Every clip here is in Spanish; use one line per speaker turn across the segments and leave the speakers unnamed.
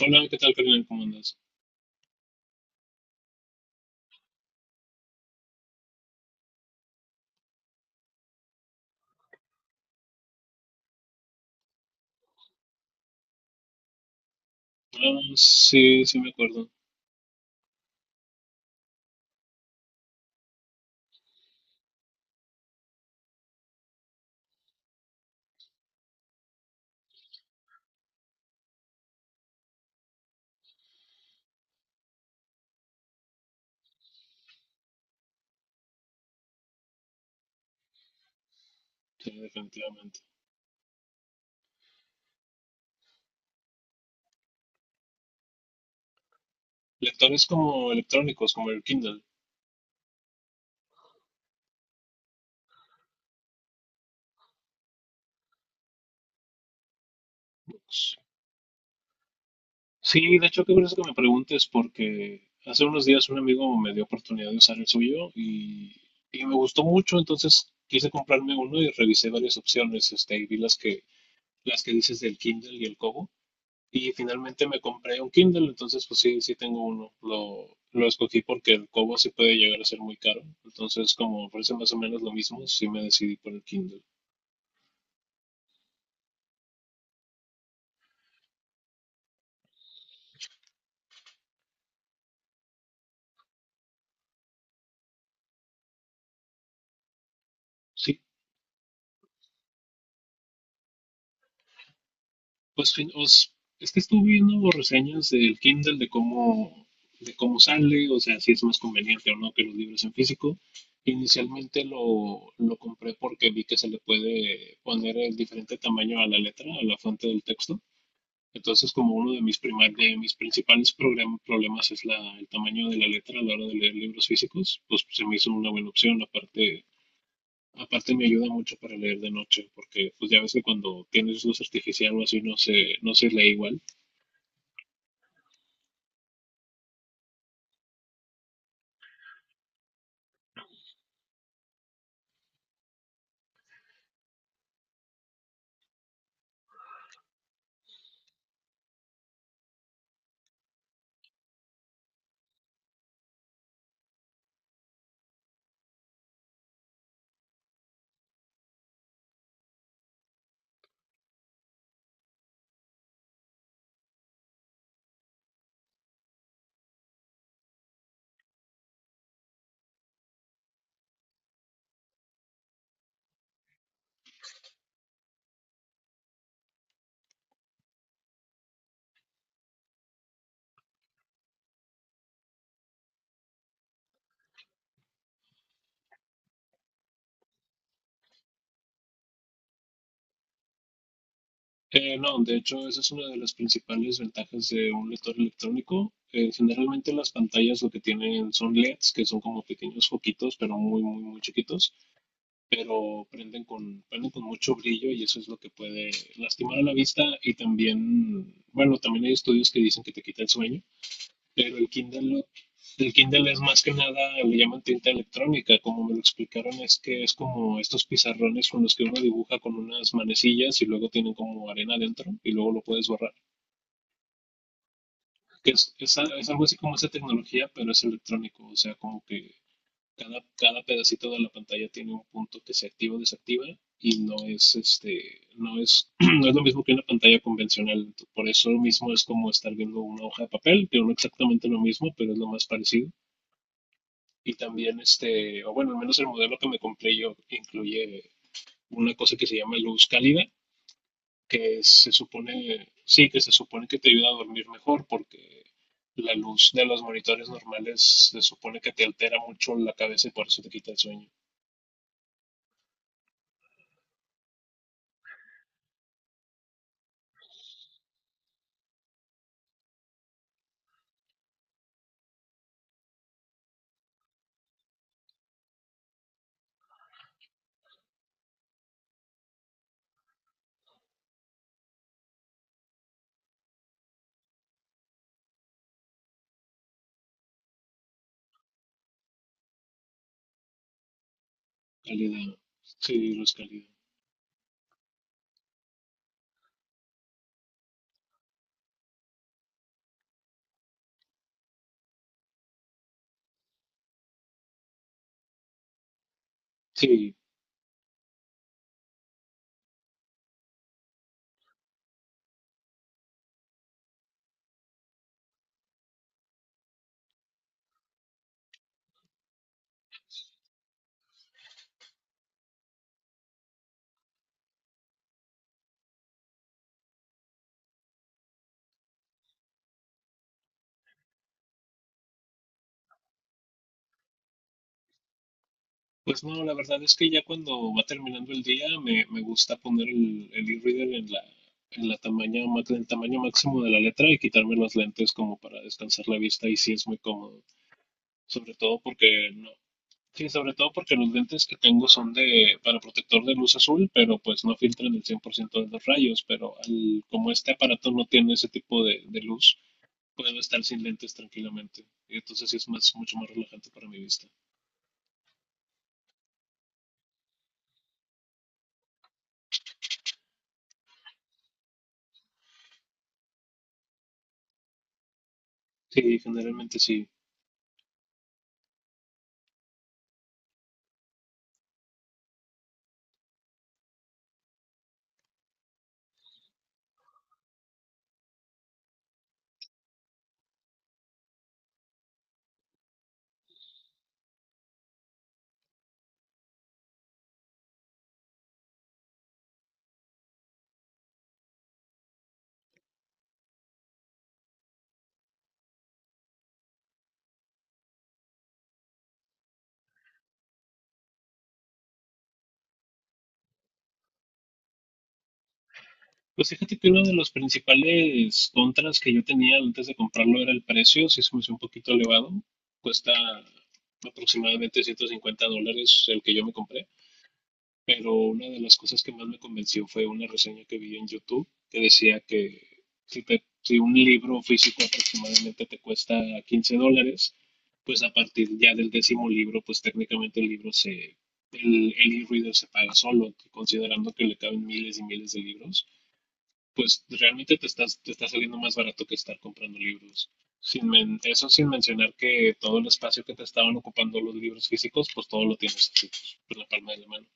Hola, ¿qué tal, Carmen? ¿Cómo andas? Ah, sí, sí me acuerdo. Sí, definitivamente. Lectores como electrónicos, como el Kindle Books. Sí, de hecho, qué curioso que me preguntes porque hace unos días un amigo me dio oportunidad de usar el suyo y, me gustó mucho, entonces quise comprarme uno y revisé varias opciones, este, y vi las que dices del Kindle y el Kobo. Y finalmente me compré un Kindle, entonces pues sí, sí tengo uno. Lo escogí porque el Kobo sí puede llegar a ser muy caro. Entonces, como ofrece más o menos lo mismo, sí me decidí por el Kindle. Sí, pues es que estuve viendo reseñas del Kindle de cómo sale, o sea, si es más conveniente o no que los libros en físico. Inicialmente lo compré porque vi que se le puede poner el diferente tamaño a la letra, a la fuente del texto. Entonces, como uno de mis, de mis principales problemas es la, el tamaño de la letra a la hora de leer libros físicos, pues se me hizo una buena opción. Aparte, aparte me ayuda mucho para leer de noche, porque pues ya ves que cuando tienes luz artificial o así no se lee igual. No, de hecho, esa es una de las principales ventajas de un lector electrónico. Generalmente las pantallas lo que tienen son LEDs, que son como pequeños foquitos, pero muy, muy, muy chiquitos, pero prenden con mucho brillo y eso es lo que puede lastimar a la vista y también, bueno, también hay estudios que dicen que te quita el sueño, pero el Kindle es más que nada, le llaman tinta electrónica, como me lo explicaron es que es como estos pizarrones con los que uno dibuja con unas manecillas y luego tienen como arena adentro y luego lo puedes borrar. Que es, a- es algo así como esa tecnología, pero es electrónico, o sea, como que cada, cada pedacito de la pantalla tiene un punto que se activa o desactiva y no es este, no es, no es lo mismo que una pantalla convencional. Por eso mismo es como estar viendo una hoja de papel, que no es exactamente lo mismo, pero es lo más parecido. Y también este, o bueno, al menos el modelo que me compré yo incluye una cosa que se llama luz cálida, que que se supone que te ayuda a dormir mejor porque la luz de los monitores normales se supone que te altera mucho la cabeza y por eso te quita el sueño. Calidad. Sí, los calidad. Sí. Pues no, la verdad es que ya cuando va terminando el día me gusta poner el e-reader en en el tamaño máximo de la letra y quitarme los lentes como para descansar la vista y sí es muy cómodo. Sobre todo porque no. Sí, sobre todo porque los lentes que tengo son de para protector de luz azul, pero pues no filtran el 100% de los rayos, pero como este aparato no tiene ese tipo de luz, puedo estar sin lentes tranquilamente. Y entonces sí es más, mucho más relajante para mi vista. Sí, generalmente sí. Pues fíjate que uno de los principales contras que yo tenía antes de comprarlo era el precio, sí se me hizo un poquito elevado, cuesta aproximadamente $150 el que yo me compré. Pero una de las cosas que más me convenció fue una reseña que vi en YouTube que decía que si un libro físico aproximadamente te cuesta $15, pues a partir ya del décimo libro, pues técnicamente el e-reader se paga solo, considerando que le caben miles y miles de libros, pues realmente te está saliendo más barato que estar comprando libros. Sin men- eso sin mencionar que todo el espacio que te estaban ocupando los libros físicos, pues todo lo tienes así, por la palma de la mano.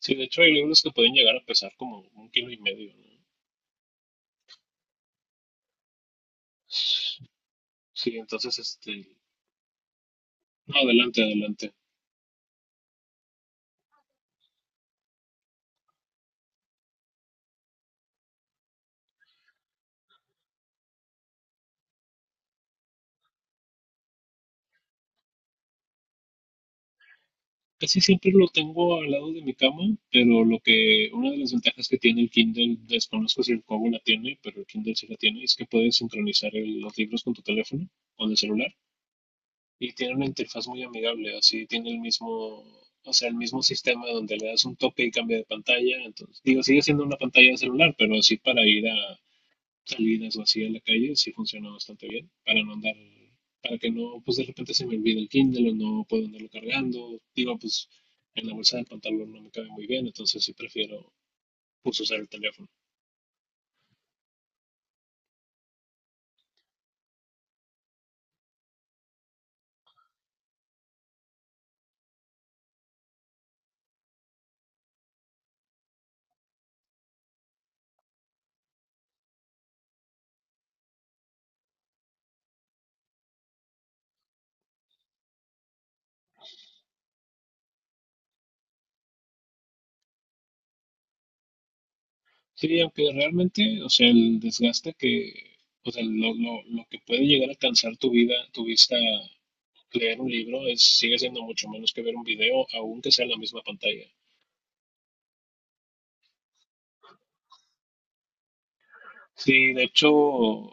Sí, de hecho hay libros que pueden llegar a pesar como un kilo y medio, ¿no? Sí, entonces, este, no, adelante, adelante. Casi siempre lo tengo al lado de mi cama, pero lo que, una de las ventajas que tiene el Kindle, desconozco si el Kobo la tiene, pero el Kindle sí la tiene, es que puedes sincronizar los libros con tu teléfono o el celular y tiene una interfaz muy amigable, así tiene el mismo, o sea, el mismo sistema donde le das un toque y cambia de pantalla, entonces, digo, sigue siendo una pantalla de celular, pero así para ir a salidas o así a la calle, sí funciona bastante bien para no andar, para que no, pues de repente se me olvide el Kindle o no puedo andarlo cargando. Digo, pues en la bolsa del pantalón no me cabe muy bien, entonces sí prefiero pues usar el teléfono. Sí, aunque realmente, o sea, o sea, lo que puede llegar a cansar tu vista, leer un libro, es, sigue siendo mucho menos que ver un video, aunque sea en la misma pantalla. Sí, de hecho,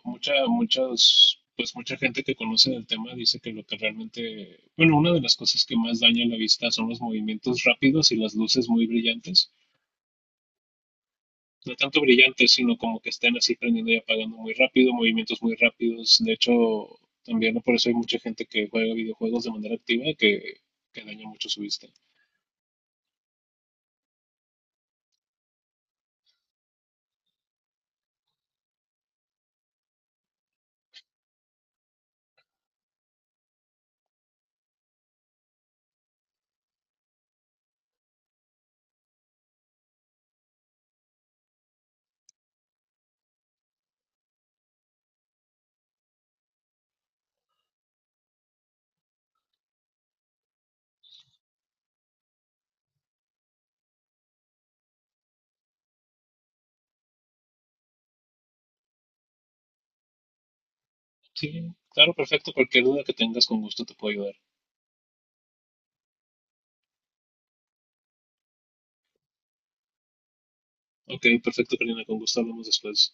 pues mucha gente que conoce del tema dice que lo que realmente, bueno, una de las cosas que más daña la vista son los movimientos rápidos y las luces muy brillantes. No tanto brillantes, sino como que estén así prendiendo y apagando muy rápido, movimientos muy rápidos. De hecho, también, ¿no? Por eso hay mucha gente que juega videojuegos de manera activa que daña mucho su vista. Sí, claro, perfecto. Cualquier duda que tengas, con gusto te puedo ayudar. Ok, perfecto, Karina, con gusto hablamos después.